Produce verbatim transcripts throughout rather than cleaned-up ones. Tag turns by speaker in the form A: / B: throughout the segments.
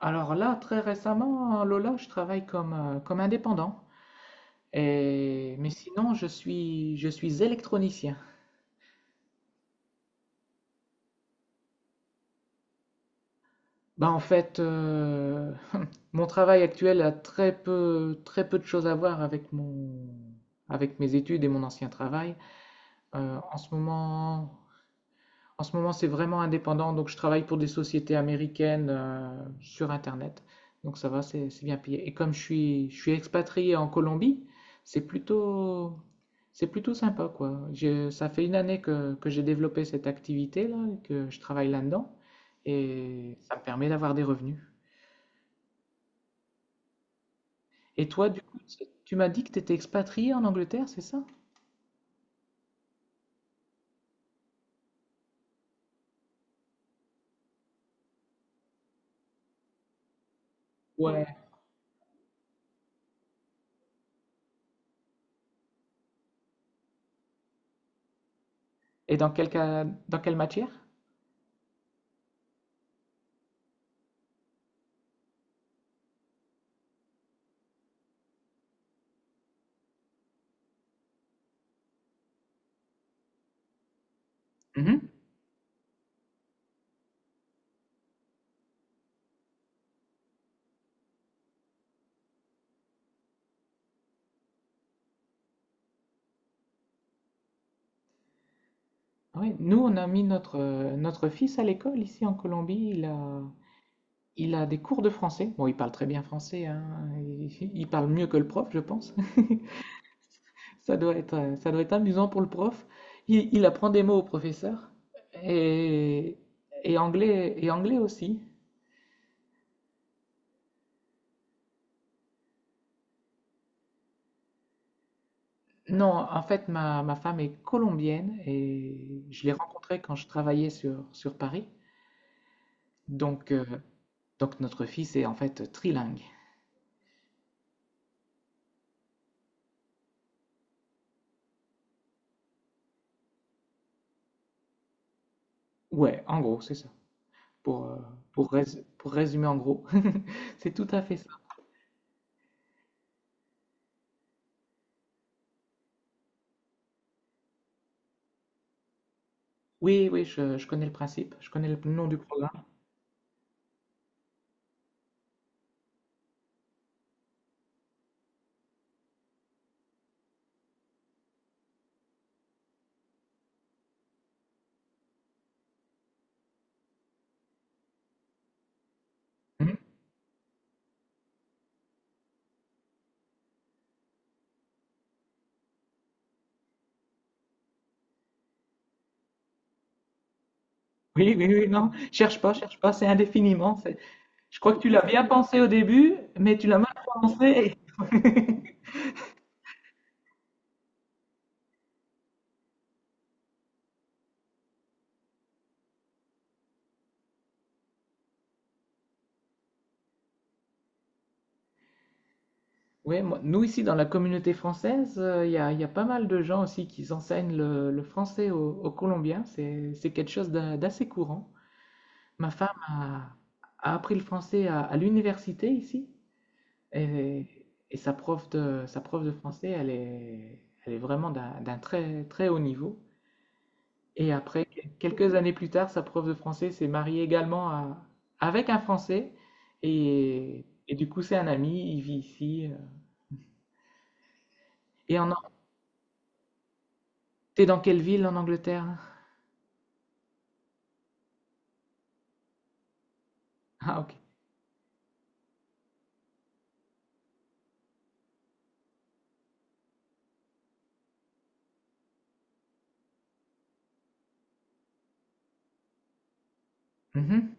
A: Alors là, très récemment, hein, Lola, je travaille comme, euh, comme indépendant. Et... Mais sinon, je suis, je suis électronicien. Bah, en fait, euh, mon travail actuel a très peu, très peu de choses à voir avec mon, avec mes études et mon ancien travail. Euh, en ce moment, En ce moment, c'est vraiment indépendant, donc je travaille pour des sociétés américaines euh, sur Internet. Donc ça va, c'est c'est bien payé. Et comme je suis, je suis expatrié en Colombie, c'est plutôt, c'est plutôt sympa, quoi. Je- ça fait une année que, que j'ai développé cette activité-là, et que je travaille là-dedans, et ça me permet d'avoir des revenus. Et toi, du coup, tu tu m'as dit que tu étais expatrié en Angleterre, c'est ça? Ouais. Et dans quel cas, dans quelle matière? Oui, nous, on a mis notre, euh, notre fils à l'école ici en Colombie. Il a, il a des cours de français. Bon, il parle très bien français, hein. Il, il parle mieux que le prof, je pense. Ça doit être, euh, ça doit être amusant pour le prof. Il, il apprend des mots au professeur et, et anglais, et anglais aussi. Non, en fait, ma, ma femme est colombienne et je l'ai rencontrée quand je travaillais sur, sur Paris. Donc, euh, donc, notre fils est en fait trilingue. Ouais, en gros, c'est ça. pour, euh, pour, rés- pour résumer en gros. C'est tout à fait ça. Oui, oui, je, je connais le principe, je connais le nom du programme. Hmm. Oui, oui, oui, non, cherche pas, cherche pas, c'est indéfiniment. c'est- Je crois que tu l'as bien pensé au début, mais tu l'as mal prononcé. Oui, nous ici dans la communauté française, euh, il y a, il y a pas mal de gens aussi qui enseignent le, le français aux, aux Colombiens. C'est, c'est quelque chose d'a- d'assez courant. Ma femme a, a appris le français à, à l'université ici. Et, et sa prof de, sa prof de français, elle est, elle est vraiment d'un d'un très, très haut niveau. Et après, quelques années plus tard, sa prof de français s'est mariée également à- avec un Français. Et, et du coup, c'est un ami, il vit ici. euh. Et en, t'es dans quelle ville en Angleterre? Ah, ok. Mhm.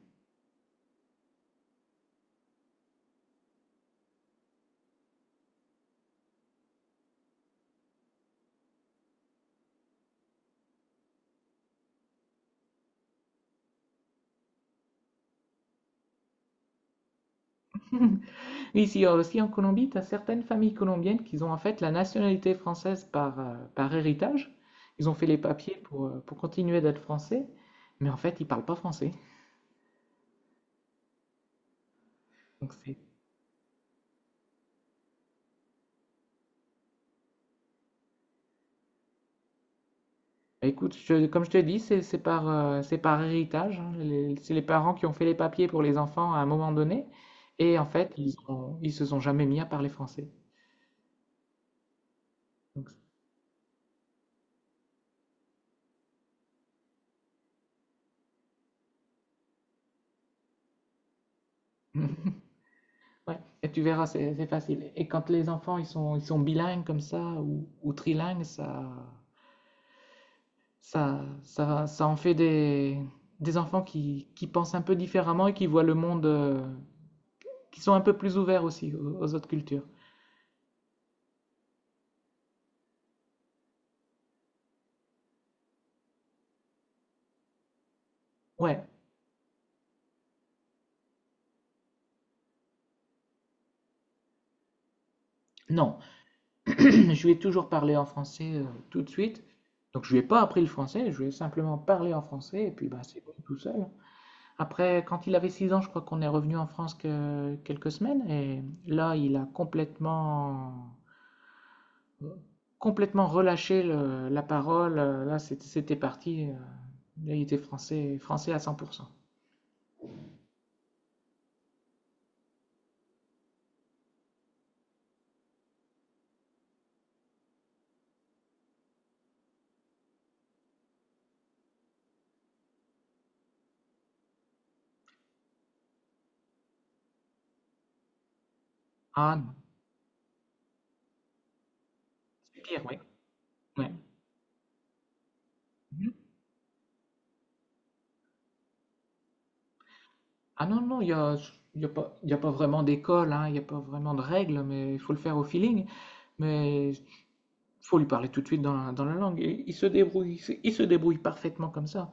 A: Oui, ici euh, aussi en Colombie, tu as certaines familles colombiennes qui ont en fait la nationalité française par, euh, par héritage. Ils ont fait les papiers pour, euh, pour continuer d'être français, mais en fait, ils parlent pas français. Donc c'est- Bah, écoute, je- comme je te dis, c'est c'est par, euh, c'est par héritage, hein. Les- C'est les parents qui ont fait les papiers pour les enfants à un moment donné. Et en fait, ils ont- ils se sont jamais mis à parler français. Donc, ouais. Et tu verras, c'est c'est facile. Et quand les enfants ils sont, ils sont bilingues comme ça ou, ou trilingues, ça, ça, ça, ça en fait des, des enfants qui, qui pensent un peu différemment et qui voient le monde, euh, qui sont un peu plus ouverts aussi aux aux autres cultures. Ouais, non, je lui ai toujours parlé en français euh, tout de suite. Donc je lui ai pas appris le français, je lui ai simplement parlé en français et puis bah, c'est bon tout seul. Après, quand il avait six ans, je crois qu'on est revenu en France que quelques semaines et là il a complètement, complètement relâché le- la parole. Là c'était parti, euh, là il était français, français à cent pour cent. Ah non, c'est pire, oui. Ouais. Ah non, non, il y a, il y a pas, il y a pas vraiment d'école, hein, il n'y a pas vraiment de règles, mais il faut le faire au feeling. Mais il faut lui parler tout de suite dans la, dans la langue. Et il se débrouille, il se il se débrouille parfaitement comme ça.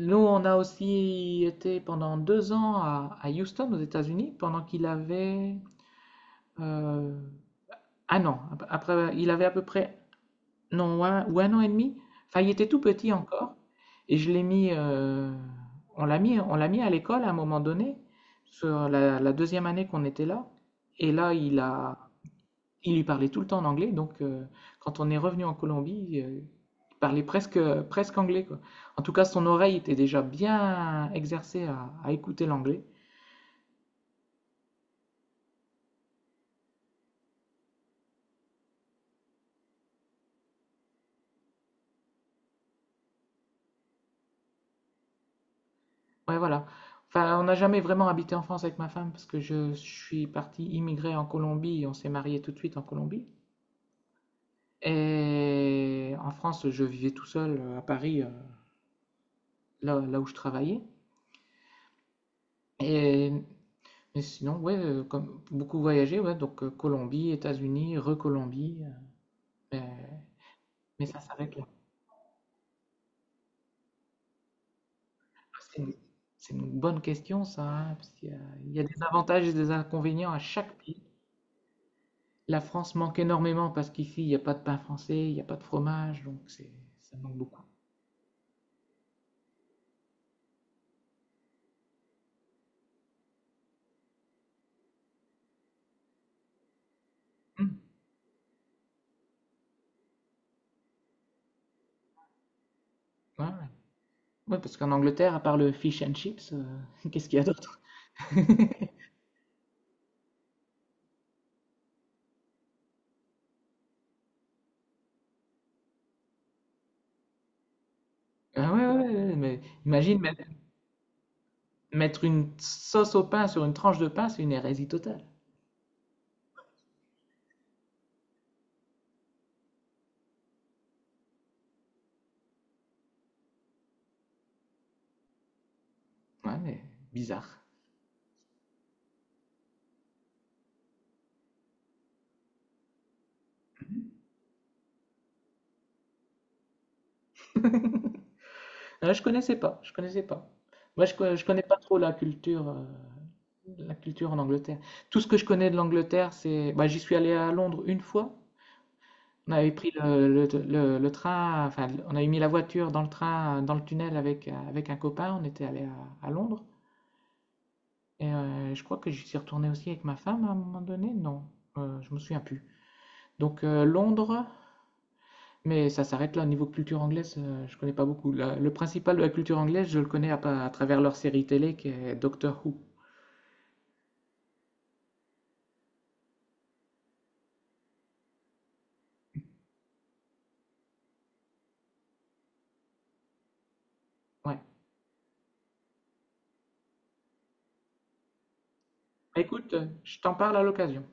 A: Nous, on a aussi été pendant deux ans à, à Houston, aux États-Unis, pendant qu'il avait euh, un an. Après, il avait à peu près non, ou un, ou un an et demi. Enfin, il était tout petit encore. Et je l'ai mis, euh, on l'a mis, on l'a mis à l'école à un moment donné, sur la, la deuxième année qu'on était là. Et là, il a, il lui parlait tout le temps en anglais. Donc, euh, quand on est revenu en Colombie, euh, il parlait presque, presque anglais, quoi. En tout cas, son oreille était déjà bien exercée à, à écouter l'anglais. Ouais, voilà. Enfin, on n'a jamais vraiment habité en France avec ma femme parce que je, je suis parti immigrer en Colombie et on s'est marié tout de suite en Colombie. Et en France, je vivais tout seul euh, à Paris, euh, là, là où je travaillais. Et, mais sinon, ouais, euh, comme beaucoup voyagé, ouais, donc euh, Colombie, États-Unis, re-Colombie. euh, mais, mais ça s'arrête là. C'est une, c'est une bonne question, ça, hein, parce qu'il y a, il y a des avantages et des inconvénients à chaque pays. La France manque énormément parce qu'ici, il n'y a pas de pain français, il n'y a pas de fromage, donc c'est, ça manque beaucoup. Hum, ouais, ouais. Ouais, parce qu'en Angleterre, à part le fish and chips, euh, qu'est-ce qu'il y a d'autre? Ah ouais, ouais, ouais, ouais, mais imagine mettre, mettre une sauce au pain sur une tranche de pain, c'est une hérésie totale. Ouais, mais bizarre. Ah, je connaissais pas, je connaissais pas. Moi, je, co- je connais pas trop la culture, euh, la culture en Angleterre. Tout ce que je connais de l'Angleterre, c'est, bah, j'y suis allé à Londres une fois. On avait pris le, le- le- le train, enfin, on avait mis la voiture dans le train, dans le tunnel avec, avec un copain. On était allé à, à Londres. Et euh, je crois que j'y suis retourné aussi avec ma femme à un moment donné. Non, euh, je me souviens plus. Donc euh, Londres, mais ça s'arrête là. Au niveau culture anglaise, euh, je connais pas beaucoup. La- le principal de la culture anglaise, je le connais à, pa- à travers leur série télé qui est Doctor Who. Ouais. Écoute, euh, je t'en parle à l'occasion.